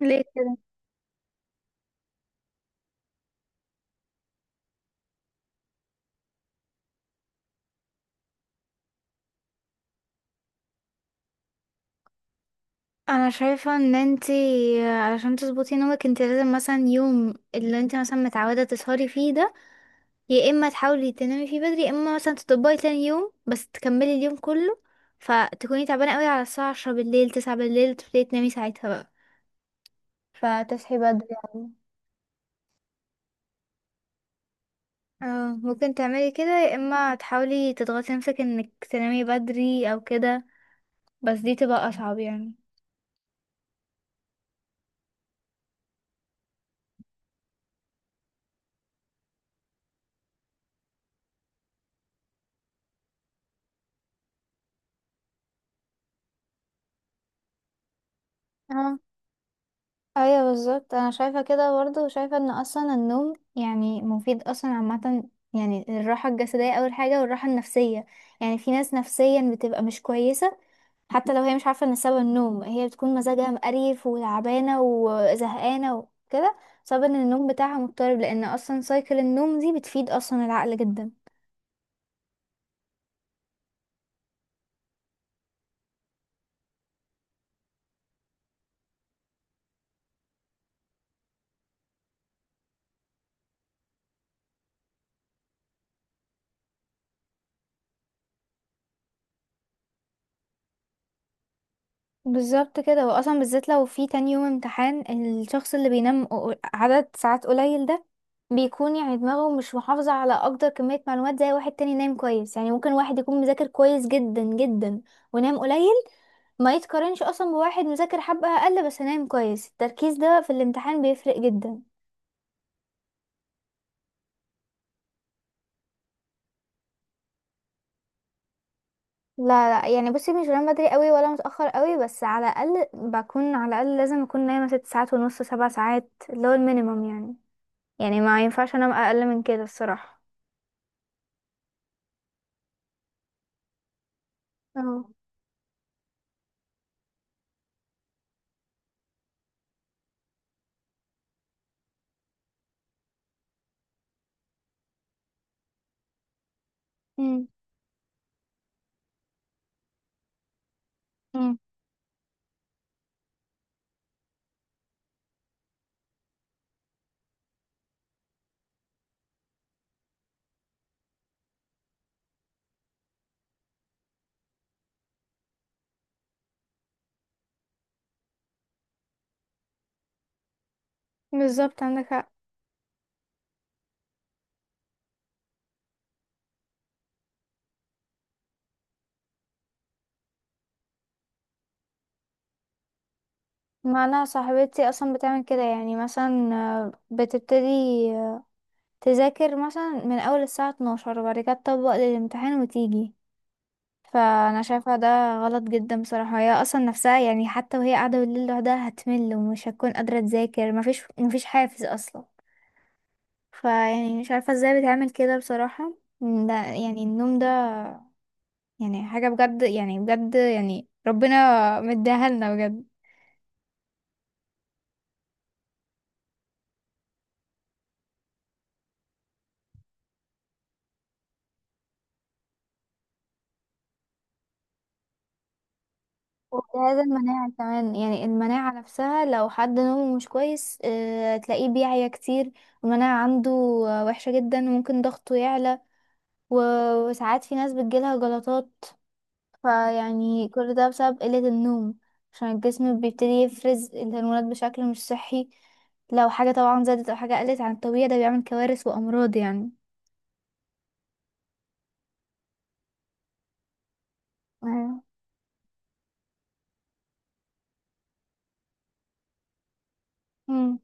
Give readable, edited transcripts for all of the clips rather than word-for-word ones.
ليه كده؟ انا شايفه ان انتي، علشان تظبطي نومك، انتي لازم مثلا يوم اللي انتي مثلا متعوده تسهري فيه ده، يا اما تحاولي تنامي فيه بدري، يا اما مثلا تطبقي تاني يوم بس تكملي اليوم كله. فتكوني تعبانه قوي على الساعه 10 بالليل، 9 بالليل، تبتدي تنامي ساعتها بقى، فتصحي بدري يعني. اه، ممكن تعملي كده، يا اما تحاولي تضغطي نفسك انك تنامي بدري او كده، بس دي تبقى اصعب يعني. ايوه، بالظبط. انا شايفه كده برضه، وشايفه ان اصلا النوم يعني مفيد اصلا عامه. يعني الراحه الجسديه اول حاجه، والراحه النفسيه. يعني في ناس نفسيا بتبقى مش كويسه، حتى لو هي مش عارفه ان سبب النوم، هي بتكون مزاجها مقريف وتعبانه وزهقانه وكده، بسبب ان النوم بتاعها مضطرب، لان اصلا سايكل النوم دي بتفيد اصلا العقل جدا. بالظبط كده، واصلا بالذات لو في تاني يوم امتحان، الشخص اللي بينام عدد ساعات قليل ده بيكون يعني دماغه مش محافظة على اكتر كمية معلومات زي واحد تاني نايم كويس. يعني ممكن واحد يكون مذاكر كويس جدا جدا ونام قليل، ما يتقارنش اصلا بواحد مذاكر حبة اقل بس نايم كويس. التركيز ده في الامتحان بيفرق جدا. لا، لا، يعني بصي مش بنام بدري قوي ولا متأخر قوي، بس على الاقل بكون، على الاقل لازم اكون نايمة 6 ساعات ونص، 7 ساعات، اللي هو المينيمم يعني. يعني ما ينفعش انام اقل من كده الصراحة. اه. امم. امم. بالظبط، عندك حق. ما انا صاحبتي اصلا بتعمل كده، يعني مثلا بتبتدي آه، تذاكر مثلا من اول الساعة 12، وبعد كده تطبق للامتحان وتيجي. فانا شايفة ده غلط جدا بصراحة. هي اصلا نفسها يعني حتى وهي قاعدة بالليل لوحدها هتمل، ومش هتكون قادرة تذاكر، مفيش حافز اصلا. فيعني مش عارفة ازاي بتعمل كده بصراحة. ده يعني النوم ده، يعني حاجة بجد، يعني بجد، يعني ربنا مديها لنا بجد. وجهاز المناعة كمان، يعني المناعة نفسها لو حد نومه مش كويس تلاقيه بيعيا كتير. المناعة عنده وحشة جدا، وممكن ضغطه يعلى. وساعات في ناس بتجيلها جلطات. فيعني كل ده بسبب قلة النوم، عشان الجسم بيبتدي يفرز الهرمونات بشكل مش صحي. لو حاجة طبعا زادت أو حاجة قلت عن الطبيعي، ده بيعمل كوارث وأمراض يعني. أيوة.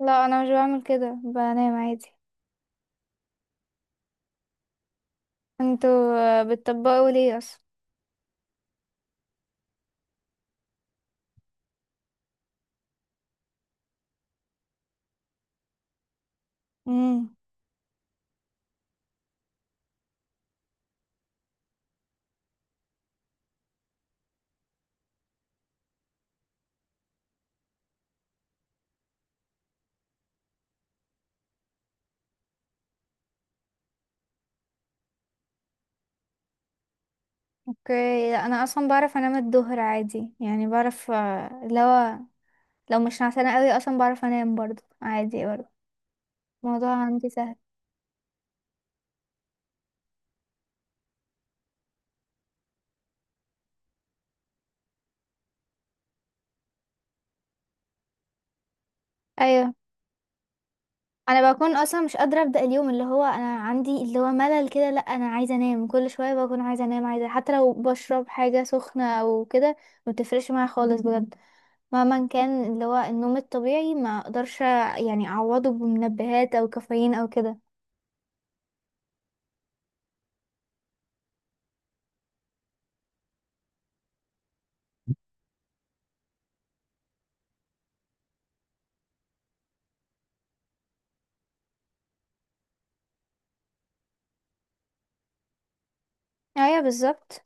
لا، انا مش بعمل كده، بنام عادي. انتوا بتطبقوا ليه اصلا؟ امم. اوكي. لا، انا اصلا بعرف انام الظهر عادي، يعني بعرف لو مش نعسانه قوي اصلا بعرف انام برضو عادي، برضو الموضوع عندي سهل. ايوه، انا بكون اصلا مش قادره ابدا. اليوم اللي هو انا عندي اللي هو ملل كده، لا انا عايزه انام كل شويه، بكون عايزه انام، عايزه حتى لو بشرب حاجه سخنه او كده، ما بتفرقش معايا خالص بجد. مهما كان، اللي هو النوم الطبيعي ما اقدرش يعني اعوضه بمنبهات او كافيين او كده. ايوه، بالظبط.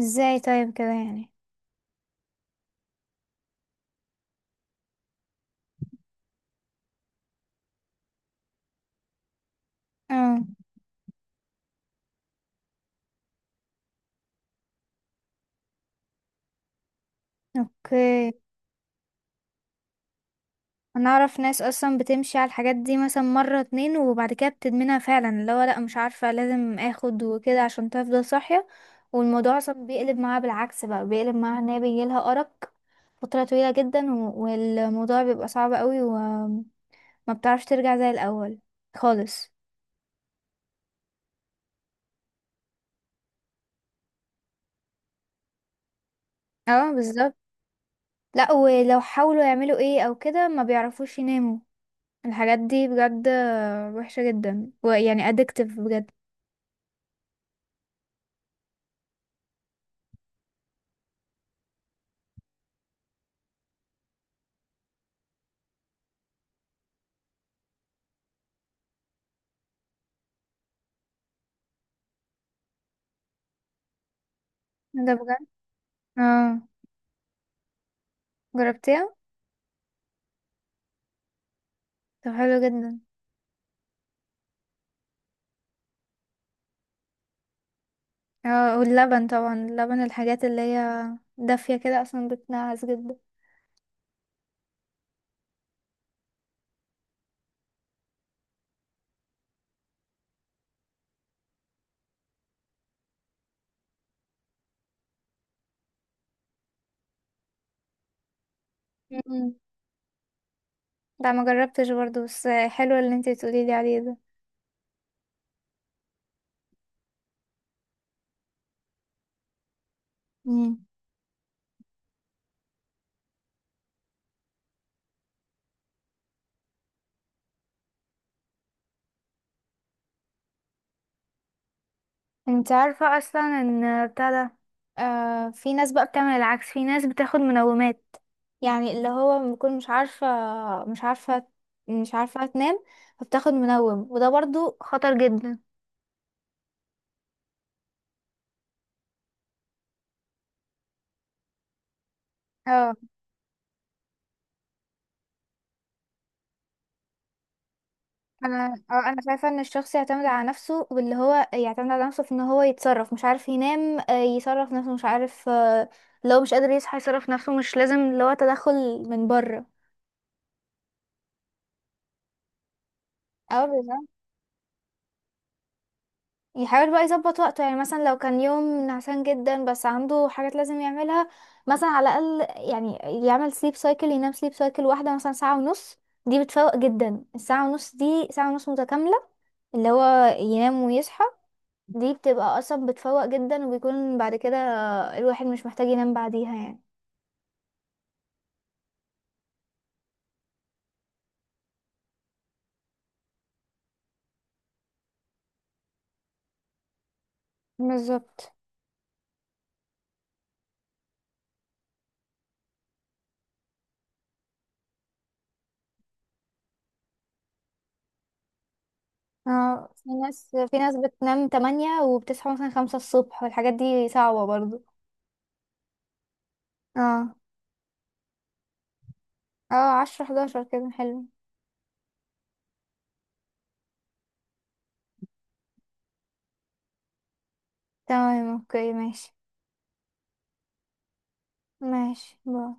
ازاي طيب كده يعني؟ اه. اوكي. انا اعرف ناس اصلا بتمشي على الحاجات دي مثلا مرة، اتنين، وبعد كده بتدمنها فعلا، اللي هو لا مش عارفة، لازم اخد وكده عشان تفضل صاحية. والموضوع اصلا بيقلب معاها بالعكس، بقى بيقلب معاها ان هي بيجيلها ارق فترة طويلة جدا، والموضوع بيبقى صعب قوي، وما بتعرفش ترجع زي الاول خالص. اه، بالظبط. لا، ولو حاولوا يعملوا ايه او كده ما بيعرفوش يناموا. الحاجات دي بجد وحشة جدا، ويعني ادكتيف بجد. ده بجد. اه. جربتيها؟ طب حلو جدا. اه، واللبن طبعا، اللبن الحاجات اللي هي دافية كده اصلا بتنعس جدا. مم. لا، ما جربتش برضو، بس حلو اللي انتي تقولي لي عليه ده. مم. انت عارفة اصلا ان بتاع ده، في ناس بقى بتعمل العكس، في ناس بتاخد منومات. يعني اللي هو بكون مش عارفة، مش عارفة مش عارفة تنام، فبتاخد منوم، وده برضو خطر جدا. اه، انا شايفه ان الشخص يعتمد على نفسه، واللي هو يعتمد على نفسه في ان هو يتصرف. مش عارف ينام يصرف نفسه، مش عارف لو مش قادر يصحى يصرف نفسه، مش لازم اللي هو تدخل من بره. اه، بالظبط. يحاول بقى يظبط وقته، يعني مثلا لو كان يوم نعسان جدا بس عنده حاجات لازم يعملها، مثلا على الأقل يعني يعمل سليب سايكل، ينام سليب سايكل واحدة مثلا ساعة ونص. دي بتفوق جدا، الساعة ونص دي ساعة ونص متكاملة، اللي هو ينام ويصحى، دي بتبقى أصلا بتفوق جدا، وبيكون بعد كده الواحد مش محتاج ينام بعديها يعني. بالظبط. اه، في ناس بتنام تمانية وبتصحى مثلا 5 الصبح، والحاجات دي صعبة برضو. اه. اه، 10 11 كده حلو. تمام، اوكي، ماشي. ماشي، باي.